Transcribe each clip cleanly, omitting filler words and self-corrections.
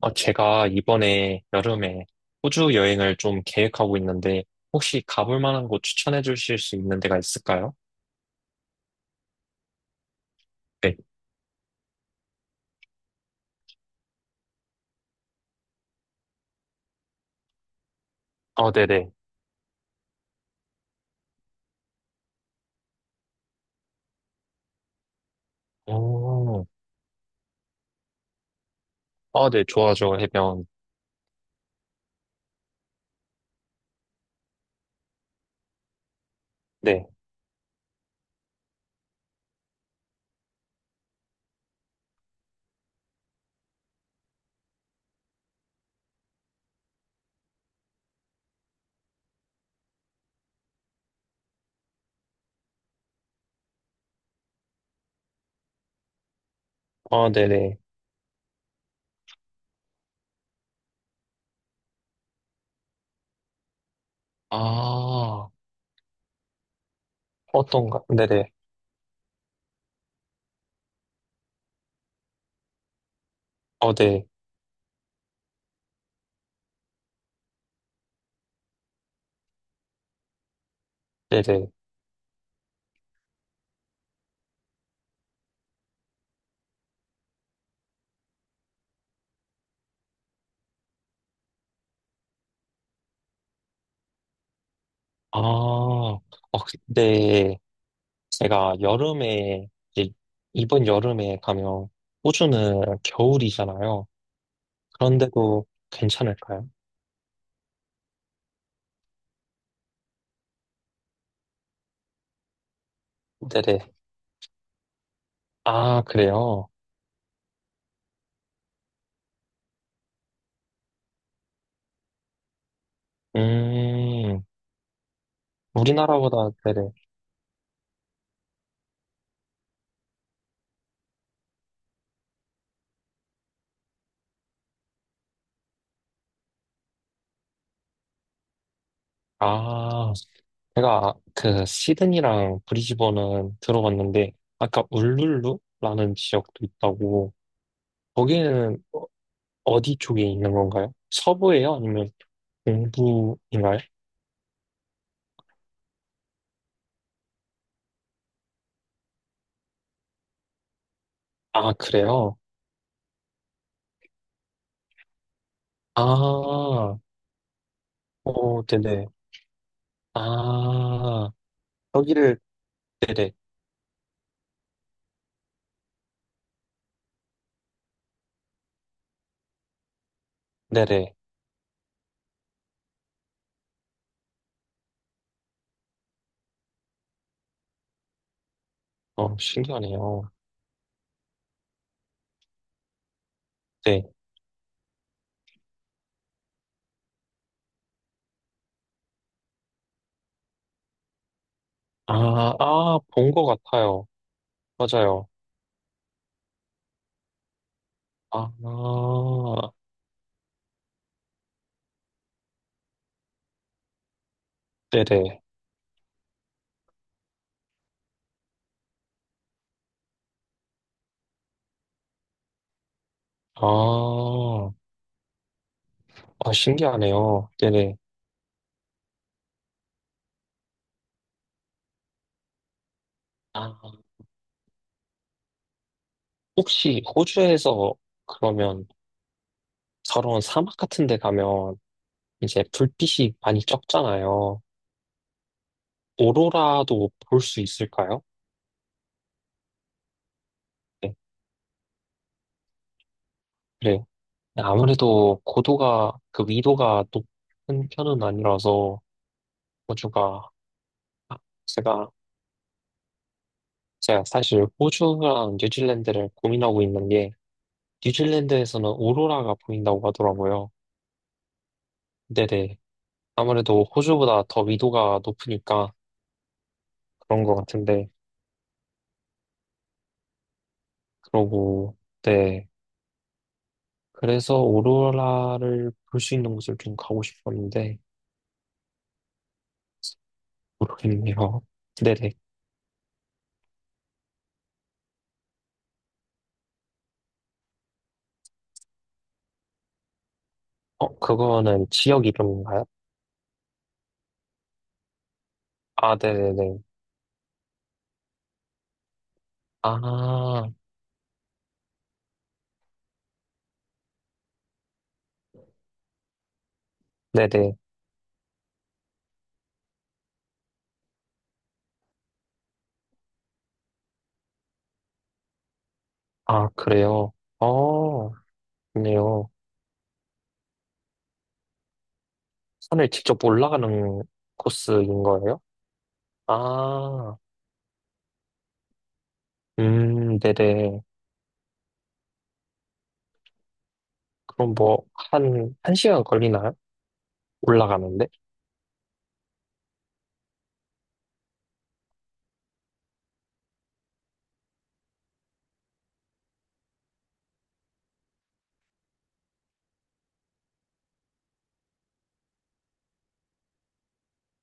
제가 이번에 여름에 호주 여행을 좀 계획하고 있는데, 혹시 가볼 만한 곳 추천해 주실 수 있는 데가 있을까요? 네. 네네. 오, 아, 네, 좋아하죠, 해변. 네. 네네. 아, 어떤가? 네네. 네. 네네. 아, 어, 근데 제가 여름에, 이제 이번 여름에 가면 호주는 겨울이잖아요. 그런데도 괜찮을까요? 네네. 아, 그래요? 음, 우리나라보다, 네네. 아, 제가 그 시드니랑 브리즈번은 들어봤는데, 아까 울룰루라는 지역도 있다고, 거기는 어디 쪽에 있는 건가요? 서부예요? 아니면 동부인가요? 아, 그래요? 아, 오, 네네. 아, 여기를, 네네, 네네. 신기하네요. 네. 아, 아, 본 것 같아요. 맞아요. 아, 네네. 아, 아, 신기하네요. 네네. 아, 혹시 호주에서 그러면 서러운 사막 같은 데 가면 이제 불빛이 많이 적잖아요. 오로라도 볼 수 있을까요? 네, 그래요. 아무래도 고도가, 그 위도가 높은 편은 아니라서 호주가, 아, 제가, 제가 사실 호주랑 뉴질랜드를 고민하고 있는 게 뉴질랜드에서는 오로라가 보인다고 하더라고요. 네네. 아무래도 호주보다 더 위도가 높으니까 그런 것 같은데, 그러고, 네. 그래서 오로라를 볼 수 있는 곳을 좀 가고 싶었는데, 모르겠네요. 네네. 그거는 지역 이름인가요? 아, 네네네. 아, 네네. 아, 그래요? 어, 좋네요. 산을 직접 올라가는 코스인 거예요? 아, 네네. 그럼 뭐, 한 시간 걸리나요? 올라가는데?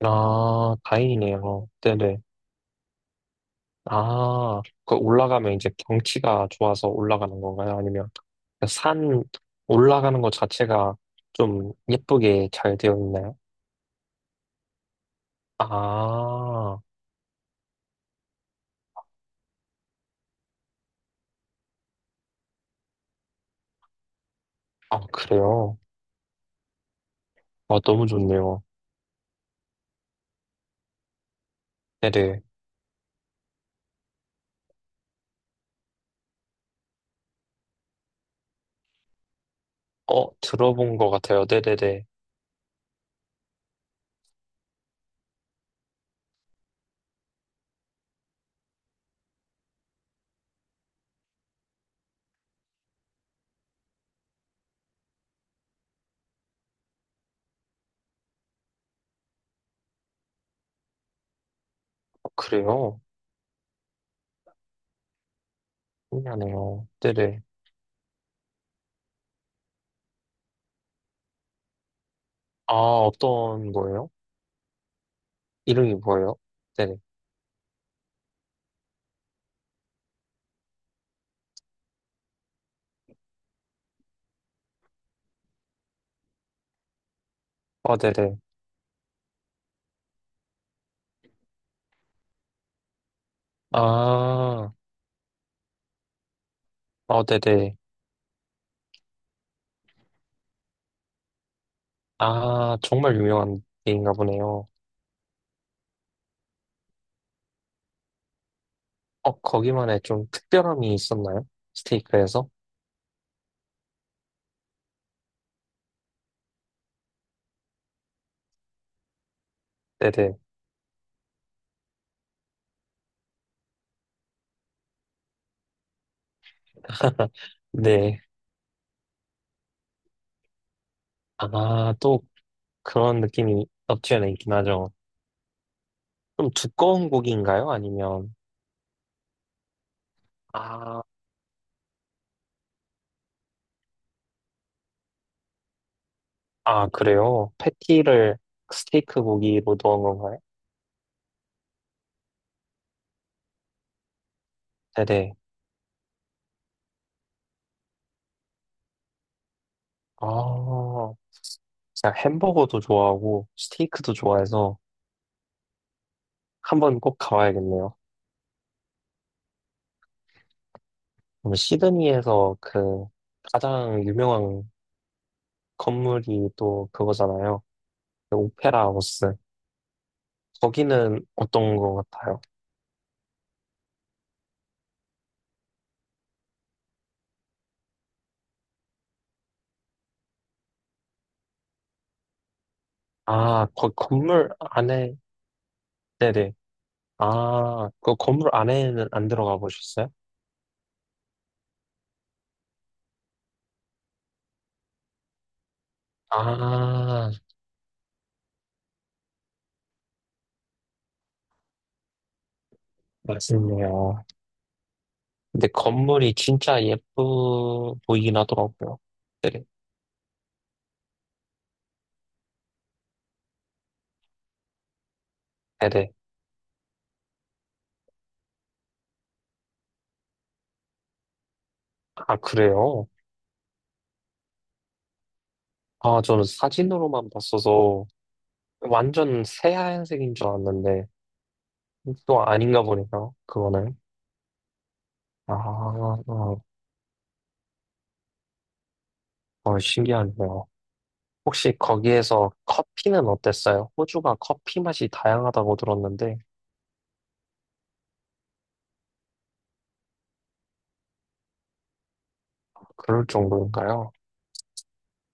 아, 다행이네요. 네네. 아, 그 올라가면 이제 경치가 좋아서 올라가는 건가요? 아니면 그산 올라가는 것 자체가 좀 예쁘게 잘 되어 있나요? 아, 아, 그래요? 아, 너무 좋네요. 네네. 들어본 것 같아요. 네네네. 어, 그래요? 신기하네요. 네네. 아, 어떤 거예요? 이름이 뭐예요? 네네. 네네. 아, 네네. 아, 정말 유명한 게인가 보네요. 거기만의 좀 특별함이 있었나요? 스테이크에서? 네네. 네. 아, 또 그런 느낌이 없지 않아 있긴 하죠. 좀 두꺼운 고기인가요? 아니면, 아, 아, 그래요? 패티를 스테이크 고기로 넣은 건가요? 네네. 아, 제가 햄버거도 좋아하고 스테이크도 좋아해서 한 번 꼭 가봐야겠네요. 그럼 시드니에서 그 가장 유명한 건물이 또 그거잖아요. 그 오페라 하우스. 거기는 어떤 것 같아요? 건물 안에, 네네. 아, 그 건물 안에는 안 들어가 보셨어요? 아, 맞네요. 근데 건물이 진짜 예쁘 보이긴 하더라고요. 네네. 네네. 아, 그래요? 아, 저는 사진으로만 봤어서 완전 새하얀색인 줄 알았는데 또 아닌가 보네요. 그거는. 아, 어, 어, 신기하네요. 혹시 거기에서 커피는 어땠어요? 호주가 커피 맛이 다양하다고 들었는데, 그럴 정도인가요?